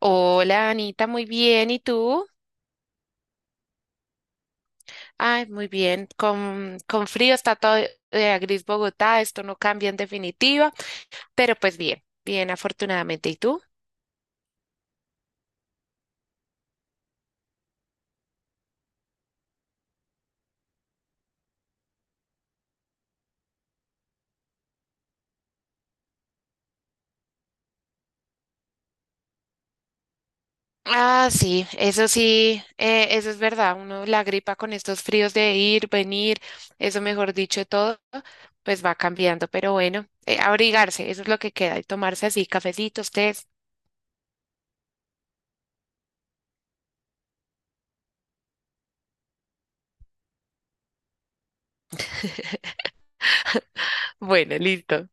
Hola Anita, muy bien. ¿Y tú? Ay, muy bien. Con frío está todo, gris Bogotá. Esto no cambia en definitiva, pero pues bien, bien afortunadamente. ¿Y tú? Ah, sí, eso es verdad. Uno la gripa con estos fríos de ir, venir, eso mejor dicho, todo, pues va cambiando. Pero bueno, abrigarse, eso es lo que queda, y tomarse así cafecitos, tés. Bueno, listo.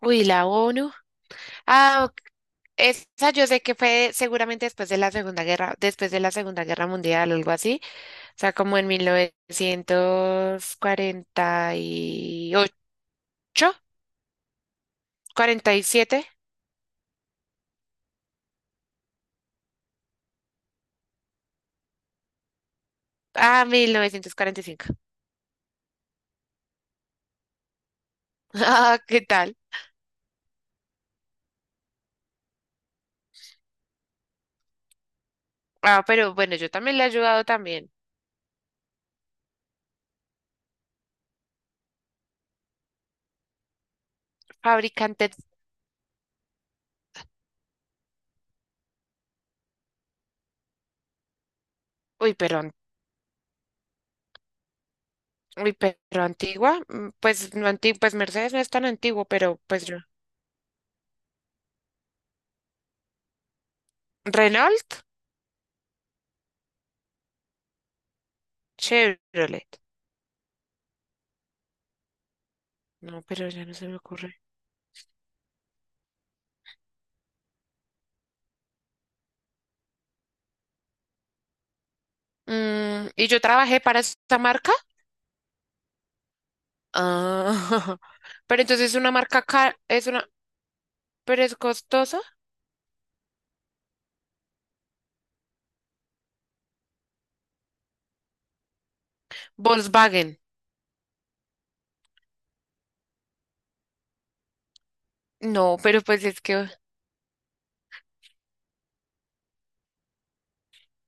Uy, la ONU. Ah, esa yo sé que fue seguramente después de la Segunda Guerra, después de la Segunda Guerra Mundial algo así, o sea, como en 1948, 47, ah, 1945 Ah, ¿qué tal? Ah, pero bueno, yo también le he ayudado también. Fabricante, uy, pero, an- uy, pero antigua, mm, pues no antigua, pues Mercedes no es tan antiguo, pero pues yo. Renault, Chevrolet. No, pero ya no se me ocurre. Mm, y yo trabajé para esta marca. Ah, pero entonces es una marca cara, es una, pero es costosa. Volkswagen. No, pero pues es que,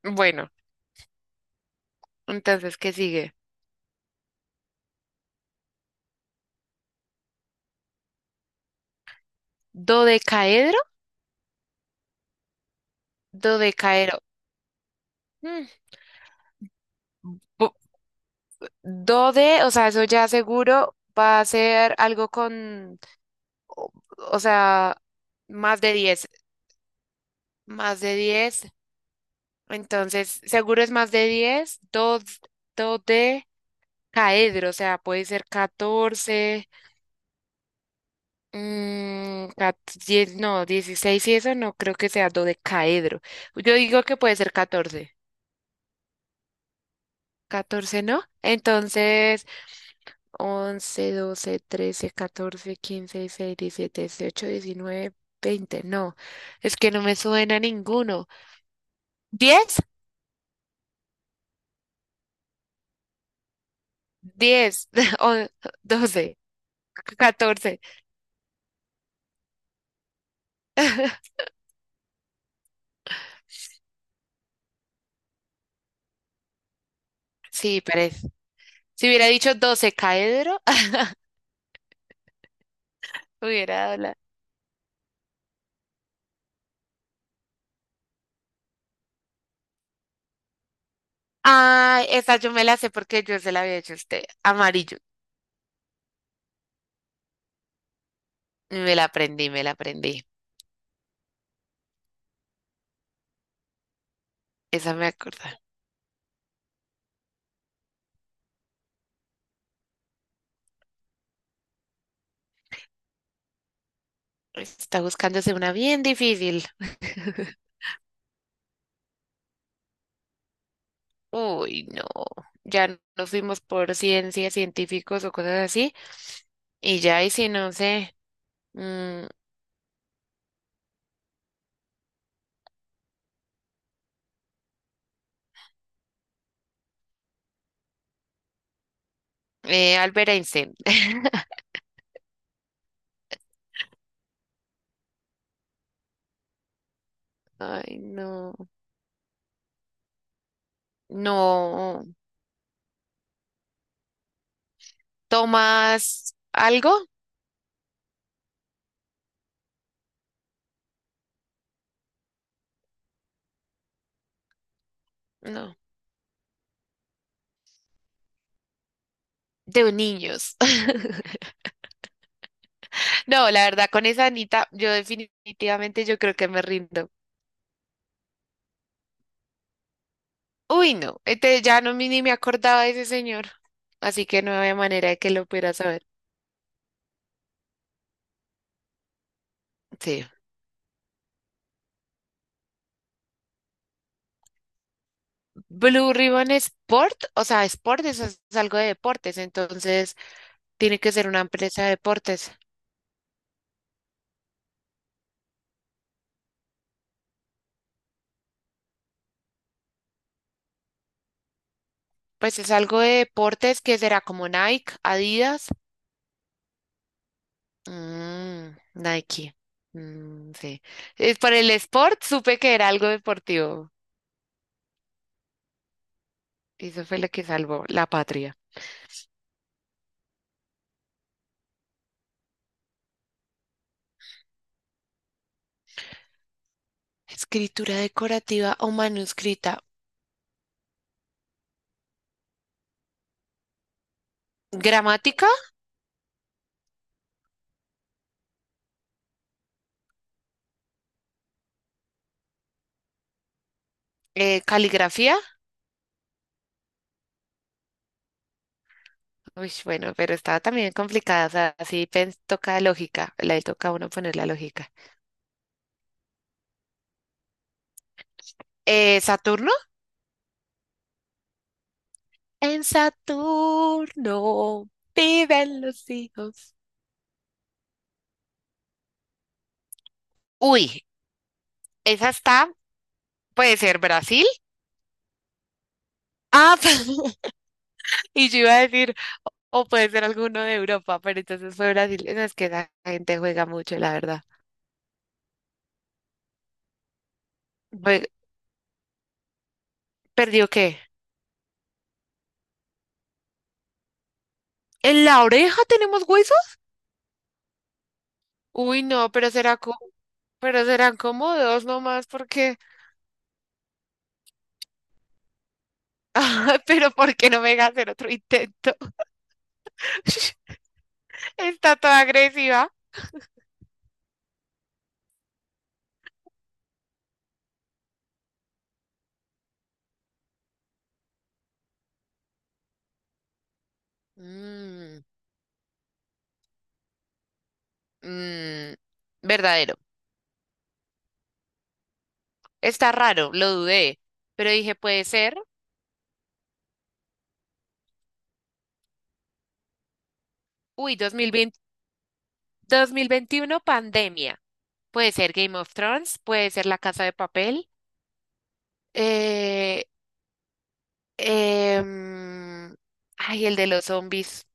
bueno, entonces, ¿qué sigue? Dodecaedro, dodecaedro. Mm, bo- dode, o sea, eso ya seguro va a ser algo con, o, o sea, más de 10, más de 10. Entonces, seguro es más de 10. Do, dodecaedro, o sea, puede ser 14. Mm, no, 16 y eso no creo que sea dodecaedro. Yo digo que puede ser catorce, catorce, ¿no? Entonces, once, doce, trece, catorce, quince, 16, 17, 18, 19, 20. No, es que no me suena ninguno. diez diez o- 12, 14. Sí, parece. Si hubiera dicho 12 caedro, hubiera dado la... Ah, esa yo me la sé porque yo se la había hecho a usted. Amarillo. Me la aprendí. Esa me acuerda. Está buscándose una bien difícil. Uy, no. Ya Nos fuimos por ciencias, científicos o cosas así. Y ya, y si no sé. mm, Albert Einstein. Ay, no. No. ¿Tomas algo? No. De niños. No, la verdad, con esa Anita, yo definitivamente yo creo que me rindo. Uy, no, este, ni me acordaba de ese señor, así que no había manera de que lo pudiera saber. Sí. Blue Ribbon Sport, o sea, Sport es algo de deportes, entonces tiene que ser una empresa de deportes. Pues es algo de deportes que será como Nike, Adidas, mm, Nike. Mm, sí. Es por el Sport supe que era algo deportivo. Y eso fue lo que salvó la patria. Escritura decorativa o manuscrita. Gramática, caligrafía. Uy, bueno, pero estaba también complicada, o sea, toca lógica, le toca a uno poner la lógica. ¿Saturno? En Saturno viven los hijos. Uy, esa está, puede ser Brasil. Ah, y yo iba a decir, o puede ser alguno de Europa, pero entonces fue Brasil. No, es que esa gente juega mucho, la verdad. Jue- ¿Perdió qué? ¿En la oreja tenemos huesos? Uy, no, pero será como, pero serán como dos nomás, porque... Ah, pero ¿por qué no me deja hacer otro intento? Está toda agresiva. Mm, mm, verdadero. Está raro, lo dudé, pero dije, puede ser. Uy, 2020, 2021, pandemia. Puede ser Game of Thrones, puede ser La Casa de Papel. Eh, em, ay, el de los zombies.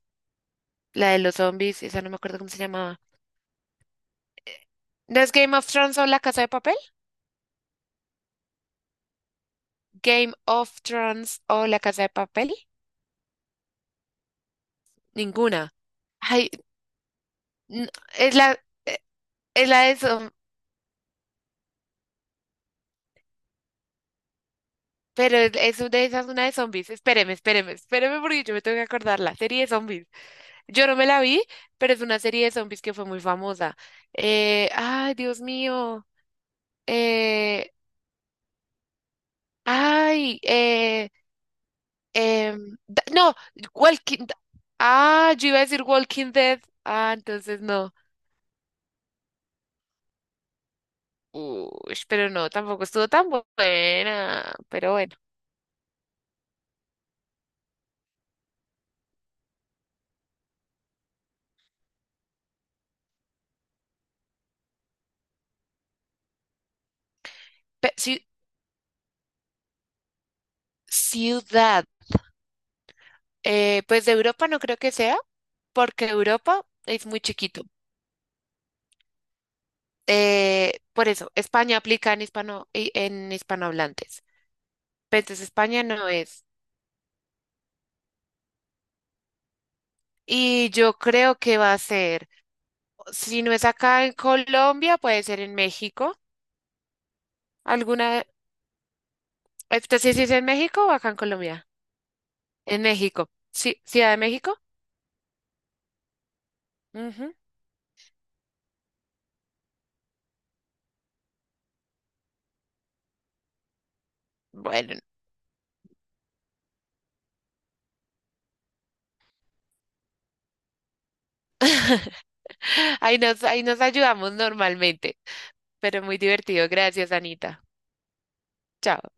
La de los zombies, esa no me acuerdo cómo se llamaba. ¿No es Game of Thrones o La Casa de Papel? Game of Thrones o La Casa de Papel. Ninguna. Ay, n- es la, eh, es la pero es de esas, una de zombies. Espéreme porque yo me tengo que acordar la serie de zombies. Yo no me la vi, pero es una serie de zombies que fue muy famosa. Ay, Dios mío. Eh, ay, eh, no, Walking. Ah, yo iba a decir Walking Dead. Ah, entonces no. Uy, pero no, tampoco estuvo tan buena. Pero bueno. Pe- ci- ciudad. Pues de Europa no creo que sea, porque Europa es muy chiquito. Por eso, España aplica en hispano, en hispanohablantes. Pero entonces España no es. Y yo creo que va a ser, si no es acá en Colombia, puede ser en México. ¿Alguna? Este sí, sí es en México o acá en Colombia. En México. Sí, Ciudad de México. Ujú. Bueno, ahí nos ayudamos normalmente. Pero muy divertido. Gracias, Anita. Chao.